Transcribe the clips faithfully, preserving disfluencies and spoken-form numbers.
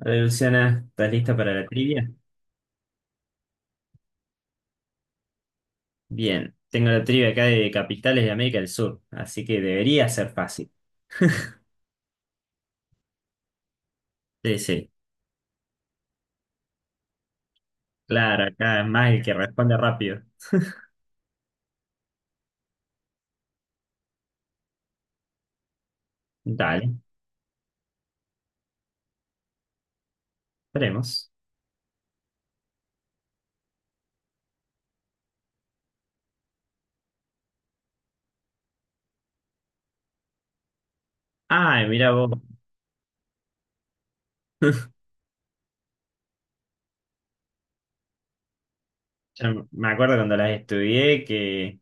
Hola Luciana, ¿estás lista para la trivia? Bien, tengo la trivia acá de capitales de América del Sur, así que debería ser fácil. Sí, sí, claro, acá es más el que responde rápido. Dale, esperemos. Ay, mira vos. Ya me me acuerdo cuando las estudié que.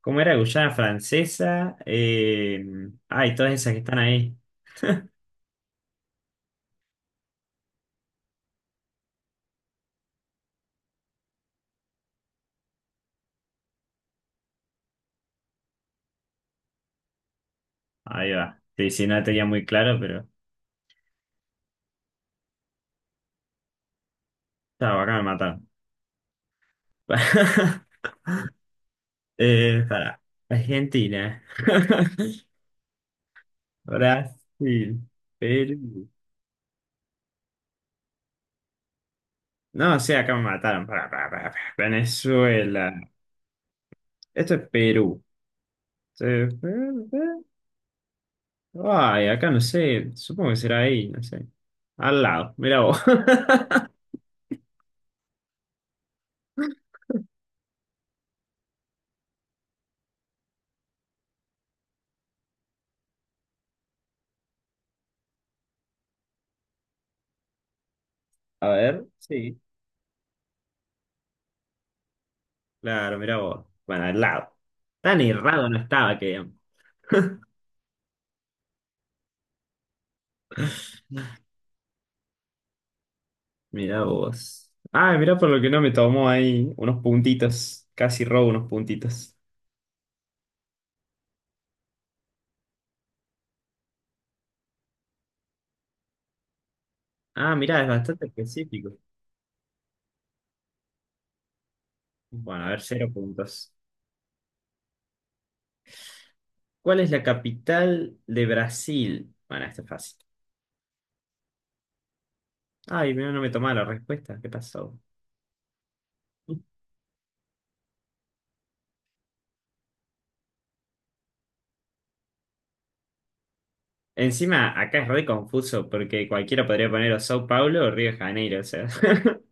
¿Cómo era Guyana Francesa? Eh, ay, todas esas que están ahí. Ahí va. Sí, sí, no la tenía muy claro, pero. Estaba acá me mataron. Eh, para. Argentina. Brasil, Perú. No, sí, acá me mataron. Pará, pará, pará, pará. Venezuela. Esto es Perú. Eh, eh, eh. Ay, acá no sé. Supongo que será ahí, no sé. Al lado, mira vos. A ver, sí. Claro, mira vos. Bueno, al lado. Tan errado no estaba que. Mira vos. Ah, mira por lo que no me tomó ahí unos puntitos. Casi robo unos puntitos. Ah, mira, es bastante específico. Bueno, a ver, cero puntos. ¿Cuál es la capital de Brasil? Bueno, esta es fácil. Ay, no no me tomaba la respuesta. ¿Qué pasó? Encima, acá es re confuso porque cualquiera podría poner o Sao Paulo o Río de Janeiro. O sea,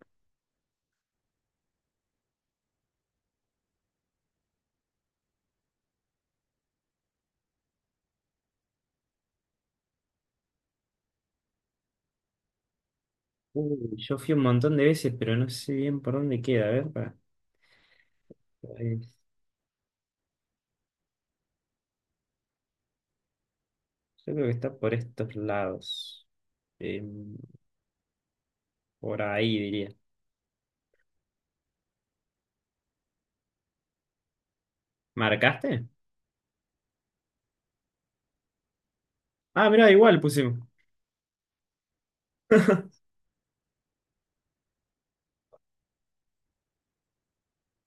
Uy, yo fui un montón de veces, pero no sé bien por dónde queda. A ver, pará. Eh, Yo creo que está por estos lados. Eh, por ahí diría. ¿Marcaste? Ah, mirá, igual pusimos.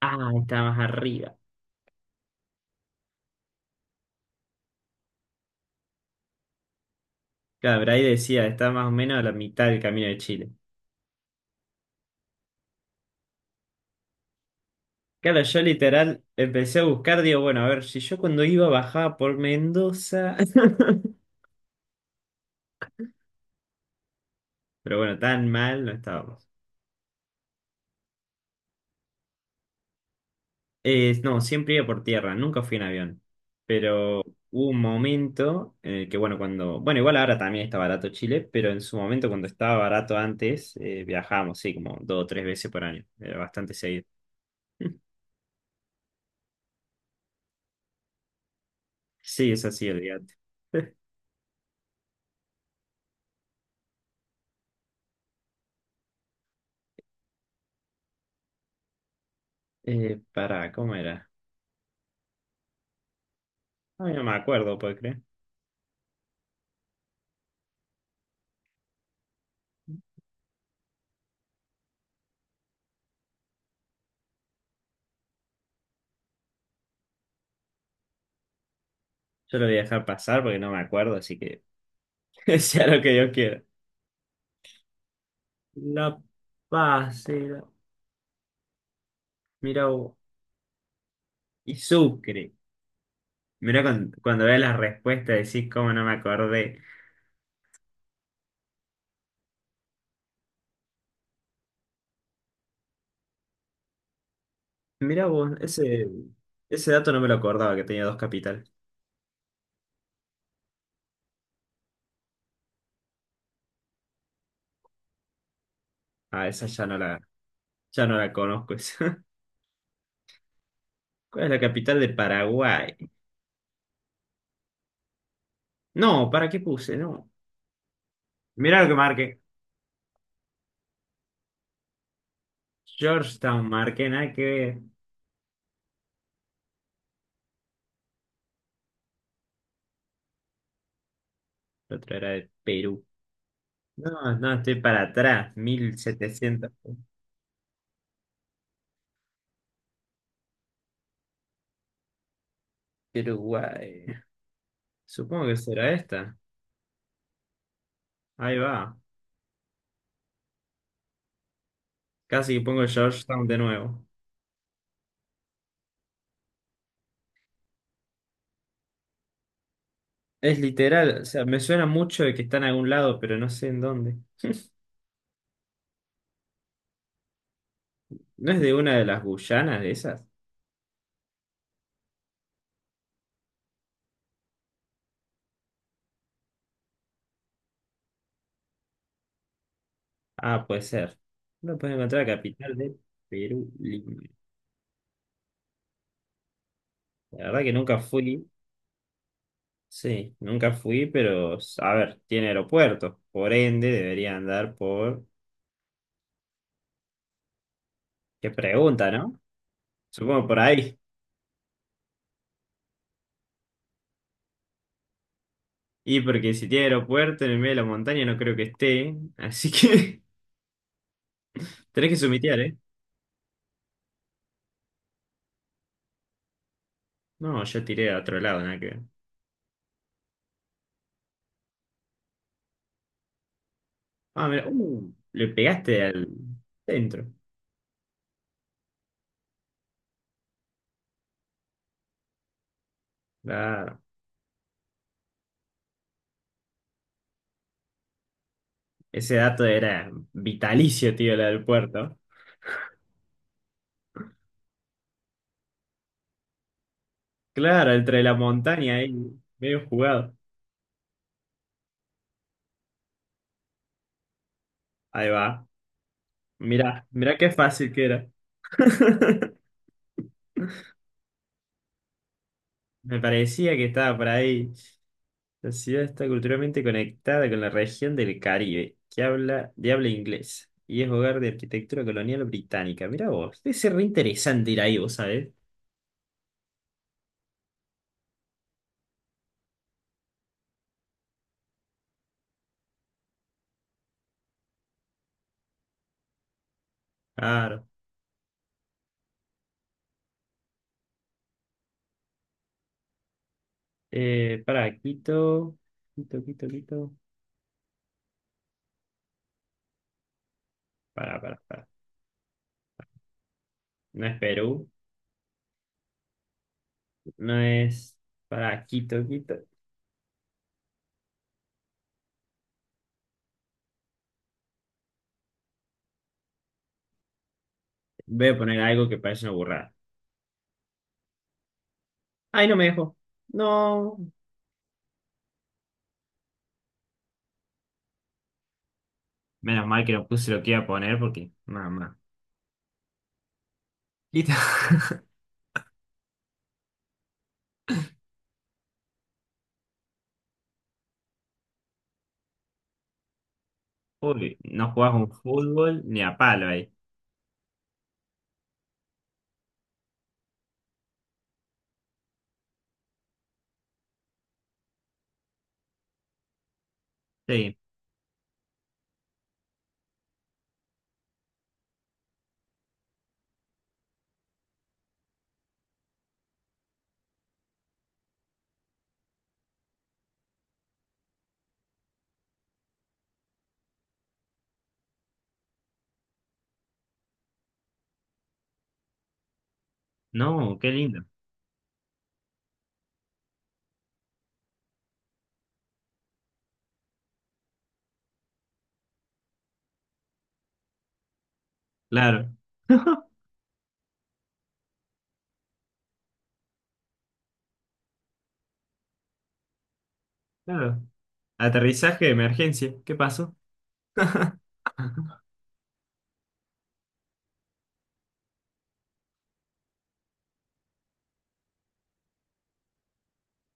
Ah, está más arriba. Claro, pero ahí decía, está más o menos a la mitad del camino de Chile. Claro, yo literal empecé a buscar, digo, bueno, a ver, si yo cuando iba bajaba por Mendoza, pero bueno, tan mal no estábamos. Eh, no, siempre iba por tierra, nunca fui en avión, pero hubo un momento en el que, bueno, cuando, bueno, igual ahora también está barato Chile, pero en su momento cuando estaba barato antes, eh, viajábamos, sí, como dos o tres veces por año, era bastante seguido. Sí, es así, olvídate. Eh, pará, ¿cómo era? Ay, no me acuerdo, ¿puedo creer? Yo lo voy a dejar pasar porque no me acuerdo, así que... sea lo que yo quiera. La Paz era, mira vos, y Sucre. Mira cuando, cuando veas la respuesta decís cómo no me acordé. Mira vos, ese, ese dato no me lo acordaba que tenía dos capitales. Ah, esa ya no la, ya no la conozco esa. ¿Cuál es la capital de Paraguay? No, ¿para qué puse? No. Mira lo que marqué. Georgetown marqué, nada que ver. La otra era de Perú. No, no, estoy para atrás. mil setecientos. Uruguay. Supongo que será esta. Ahí va. Casi que pongo Georgetown de nuevo. Es literal, o sea, me suena mucho de que está en algún lado, pero no sé en dónde. ¿No es de una de las Guyanas de esas? Ah, puede ser. No puedes encontrar la capital de Perú, Lima. La verdad que nunca fui. Sí, nunca fui, pero a ver, tiene aeropuerto. Por ende, debería andar por. Qué pregunta, ¿no? Supongo por ahí. Y porque si tiene aeropuerto en el medio de la montaña, no creo que esté. Así que tenés que sumitear, no, yo tiré a otro lado, nada que ver. Ah, mira, uh, le pegaste al centro. Claro. Ese dato era vitalicio, tío, la del puerto. Claro, entre la montaña ahí, medio jugado. Ahí va. Mirá, mirá qué fácil que era. Me parecía que estaba por ahí. La ciudad está culturalmente conectada con la región del Caribe, que habla de habla inglesa, y es hogar de arquitectura colonial británica. Mirá vos, debe ser re interesante ir ahí, vos sabés. Claro. Eh, para, Quito, Quito, Quito, Quito. Para, para, para. No es Perú, no es para Quito, Quito. Voy a poner algo que parece una burrada. Ay, no me dejó. No. Menos mal que no puse lo que iba a poner porque, mamá. Quito. Uy, no jugás un fútbol ni a palo ahí. Sí. No, qué lindo. Claro. Claro. Aterrizaje de emergencia. ¿Qué pasó?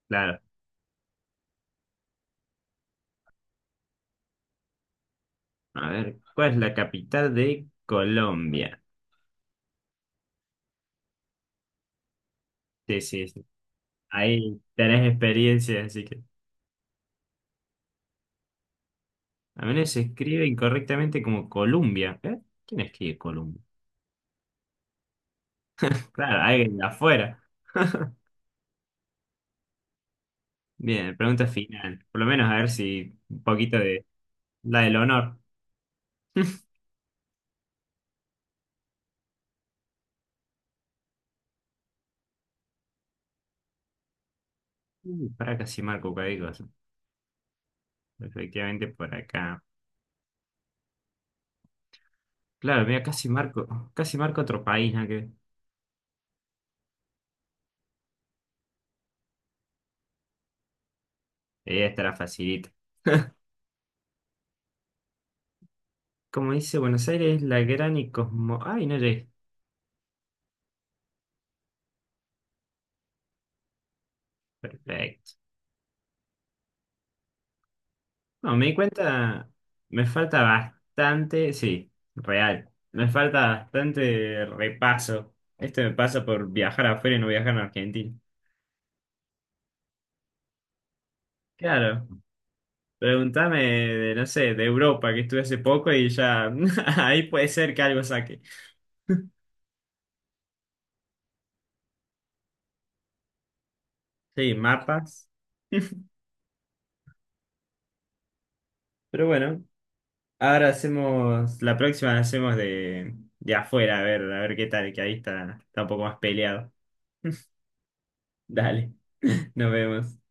Claro. A ver, ¿cuál es la capital de Colombia? Sí, sí, sí. Ahí tenés experiencia, así que. A menos se escribe incorrectamente como Columbia. ¿Eh? ¿Quién escribe Columbia? Claro, alguien de afuera. Bien, pregunta final. Por lo menos a ver si un poquito de la del honor. Uh, pará, casi marco cualquier cosa. Efectivamente, por acá. Claro, mira, casi marco, casi marco otro país, ¿no? Que ella estará facilita. Como dice Buenos Aires, la gran y cosmo. Ay, no llegué. Perfecto. No, me di cuenta, me falta bastante, sí, real, me falta bastante repaso. Esto me pasa por viajar afuera y no viajar en Argentina. Claro, pregúntame de, no sé, de Europa, que estuve hace poco y ya ahí puede ser que algo saque. Sí, mapas. Pero bueno, ahora hacemos, la próxima la hacemos de, de afuera, a ver, a ver qué tal, que ahí está, está un poco más peleado. Dale, nos vemos.